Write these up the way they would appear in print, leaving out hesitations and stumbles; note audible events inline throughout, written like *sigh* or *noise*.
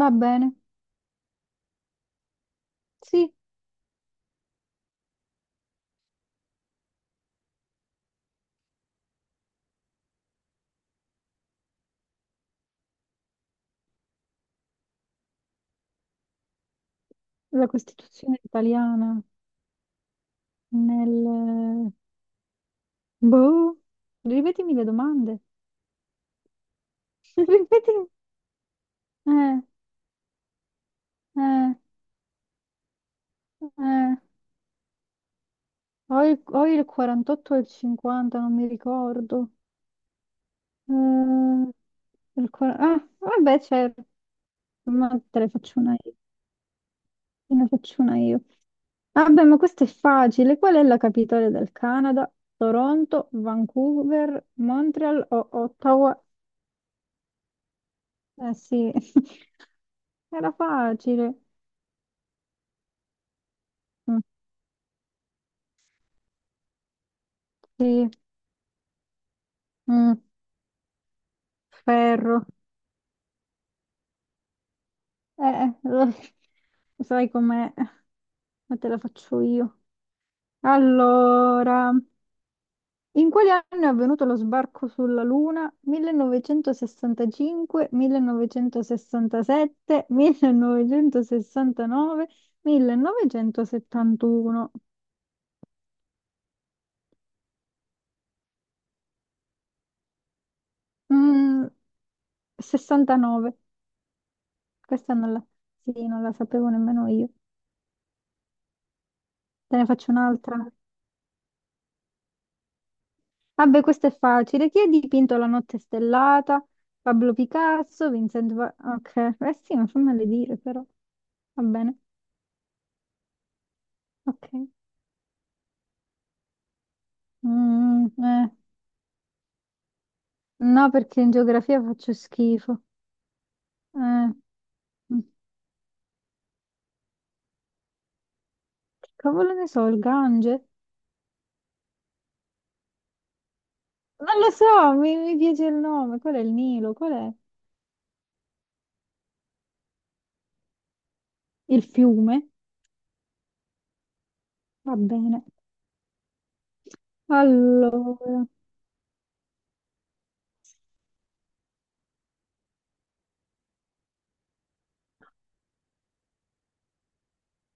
Va bene, sì, la Costituzione italiana nel... Boh, ripetimi le domande. *laughs* Ripetimi. Eh, eh, eh. Ho il 48 e il 50, non mi ricordo. Eh, ah, vabbè, c'è... Ma te ne faccio una io. Te ne faccio una io. Vabbè, ma questo è facile. Qual è la capitale del Canada? Toronto, Vancouver, Montreal o Ottawa? Eh sì, *laughs* era facile. Mm, sì, mm, ferro. Lo *laughs* sai com'è? Ma te la faccio io. Allora, in quali anni è avvenuto lo sbarco sulla Luna? 1965, 1967, 1969, 1971. *laughs* Mm, 69. Questa non la, sì, non la sapevo nemmeno io. Te ne faccio un'altra. Vabbè, questo è facile. Chi ha dipinto La notte stellata? Pablo Picasso, Vincent Van... Ok, eh sì, non fammele dire però. Va bene, ok. Mm, eh. No, perché in geografia faccio schifo. Mm. Che cavolo ne so, il Gange? Non lo so, mi piace il nome. Qual è il Nilo? Qual è il fiume? Va bene. Allora,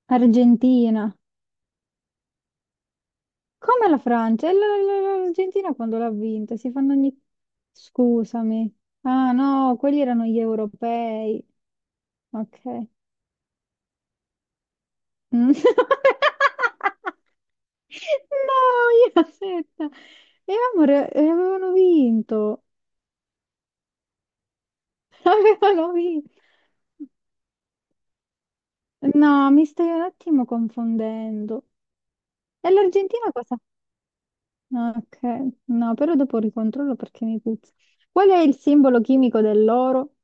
Argentina. Come la Francia? E L'Argentina quando l'ha vinta? Si fanno ogni... Scusami. Ah no, quelli erano gli europei. Ok. Mm. *laughs* No, io aspetta. E amore, avevano vinto. *laughs* Avevano vinto. No, mi stai un attimo confondendo. E l'Argentina cosa? Ah, ok, no, però dopo ricontrollo perché mi puzza. Qual è il simbolo chimico dell'oro?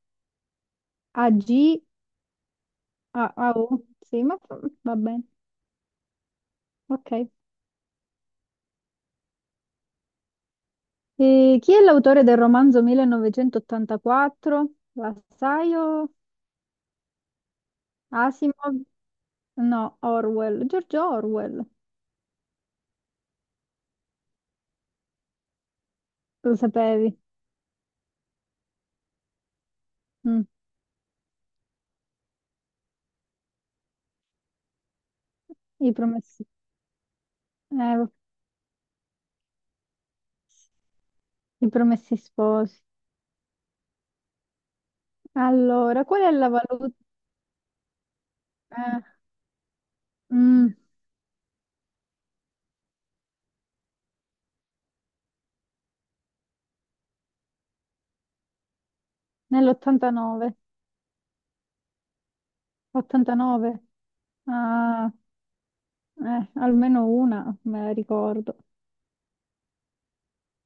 Ag, ah, ah, oh, sì, va bene. Ok. E chi è l'autore del romanzo 1984? La sai o Asimov? No, Orwell. George Orwell. Lo sapevi? Mm, I promessi. Eh, I promessi sposi. Allora, qual è la valuta? Eh, mm, nell'89. 89. Ah, almeno una me la ricordo.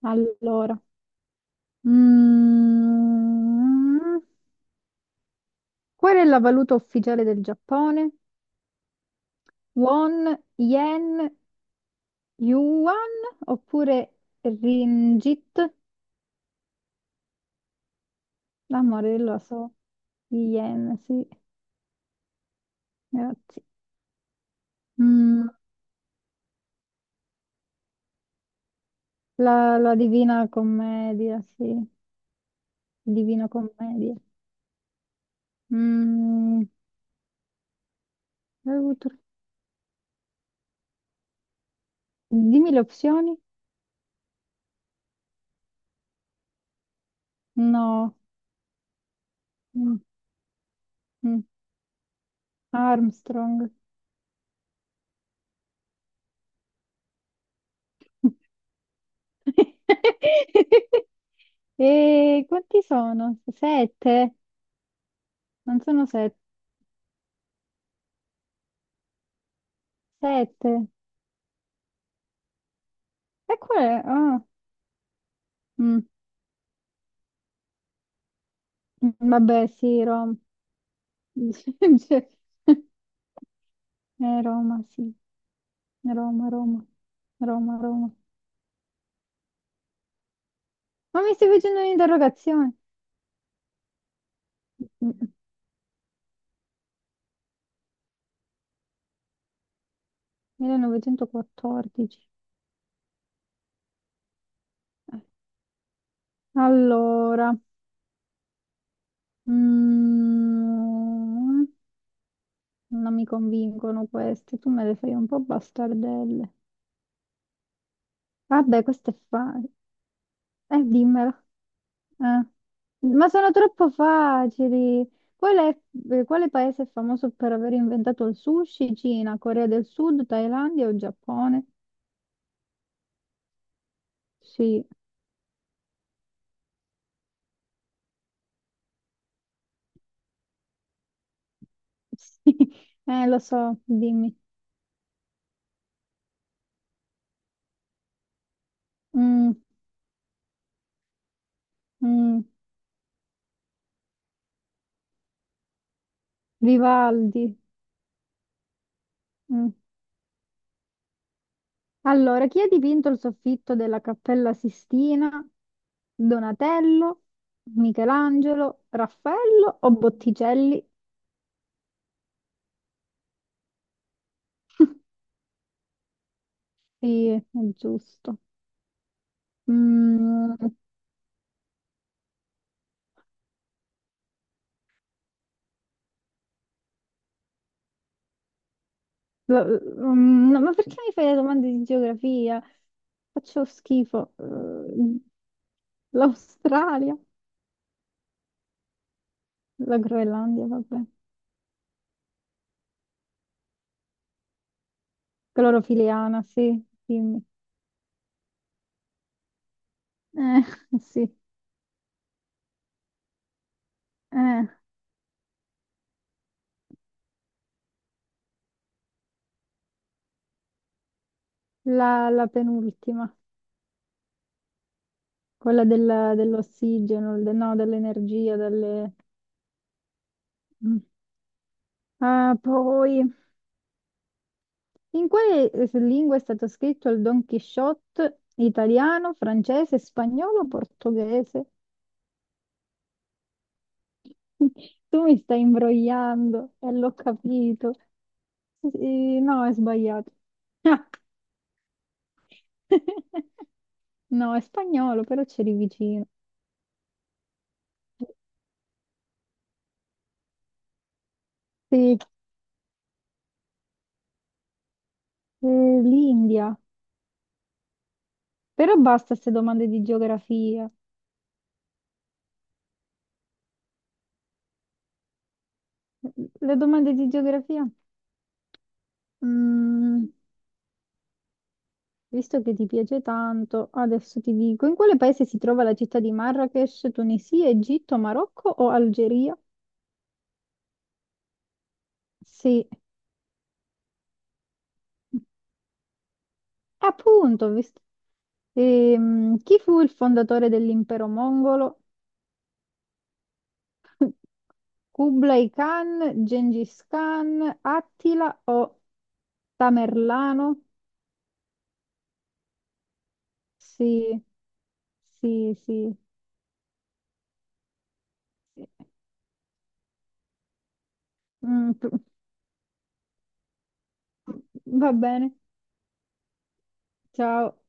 Allora. Mm, qual è la valuta ufficiale del Giappone? Won, yen, yuan oppure ringgit? Amore, lo so, yen, sì, grazie. Mm, la Divina Commedia, sì, Divina Commedia. Mm, aiuto. Dimmi le opzioni? No, mm, mm. Armstrong. *laughs* *laughs* E quanti sono? Sette? Non sono sette. Sette. E qual è? Ah, mm, vabbè, sì, Roma. *laughs* Cioè, Roma, sì. Roma, Roma. Roma, Roma. Ma mi stai facendo un'interrogazione? Mm, 1914. Allora, mm, non mi convincono queste. Tu me le fai un po' bastardelle. Vabbè, questo è facile. Dimmelo. Eh. Ma sono troppo facili. Qual è, quale paese è famoso per aver inventato il sushi? Cina, Corea del Sud, Thailandia o Giappone? Sì, *laughs* sì, lo so, dimmi. Mm, mm, Vivaldi. Mm. Allora, chi ha dipinto il soffitto della Cappella Sistina? Donatello, Michelangelo, Raffaello o Botticelli? *laughs* Sì, è giusto. Mm, lo- no, ma perché mi fai le domande di geografia? Faccio schifo. L'Australia, la Groenlandia, vabbè. Clorofiliana, sì, dimmi. *laughs* Sì. Eh, la penultima, quella dell'ossigeno, no, dell'energia, delle... Mm. Ah, poi... In quale lingua è stato scritto il Don Quixote? Italiano, francese, spagnolo, portoghese? *laughs* Tu mi stai imbrogliando e l'ho capito. No, è sbagliato. Ah. *laughs* No, è spagnolo, però c'eri vicino. Sì, l'India. Però basta queste domande di geografia. Le domande di geografia? Mm. Visto che ti piace tanto, adesso ti dico, in quale paese si trova la città di Marrakech, Tunisia, Egitto, Marocco o Algeria? Sì, appunto, ho visto- Chi fu il fondatore dell'impero mongolo? Kublai Khan, Gengis Khan, Attila o Tamerlano? Sì, sì, sì. Sì. Mm, va bene, ciao.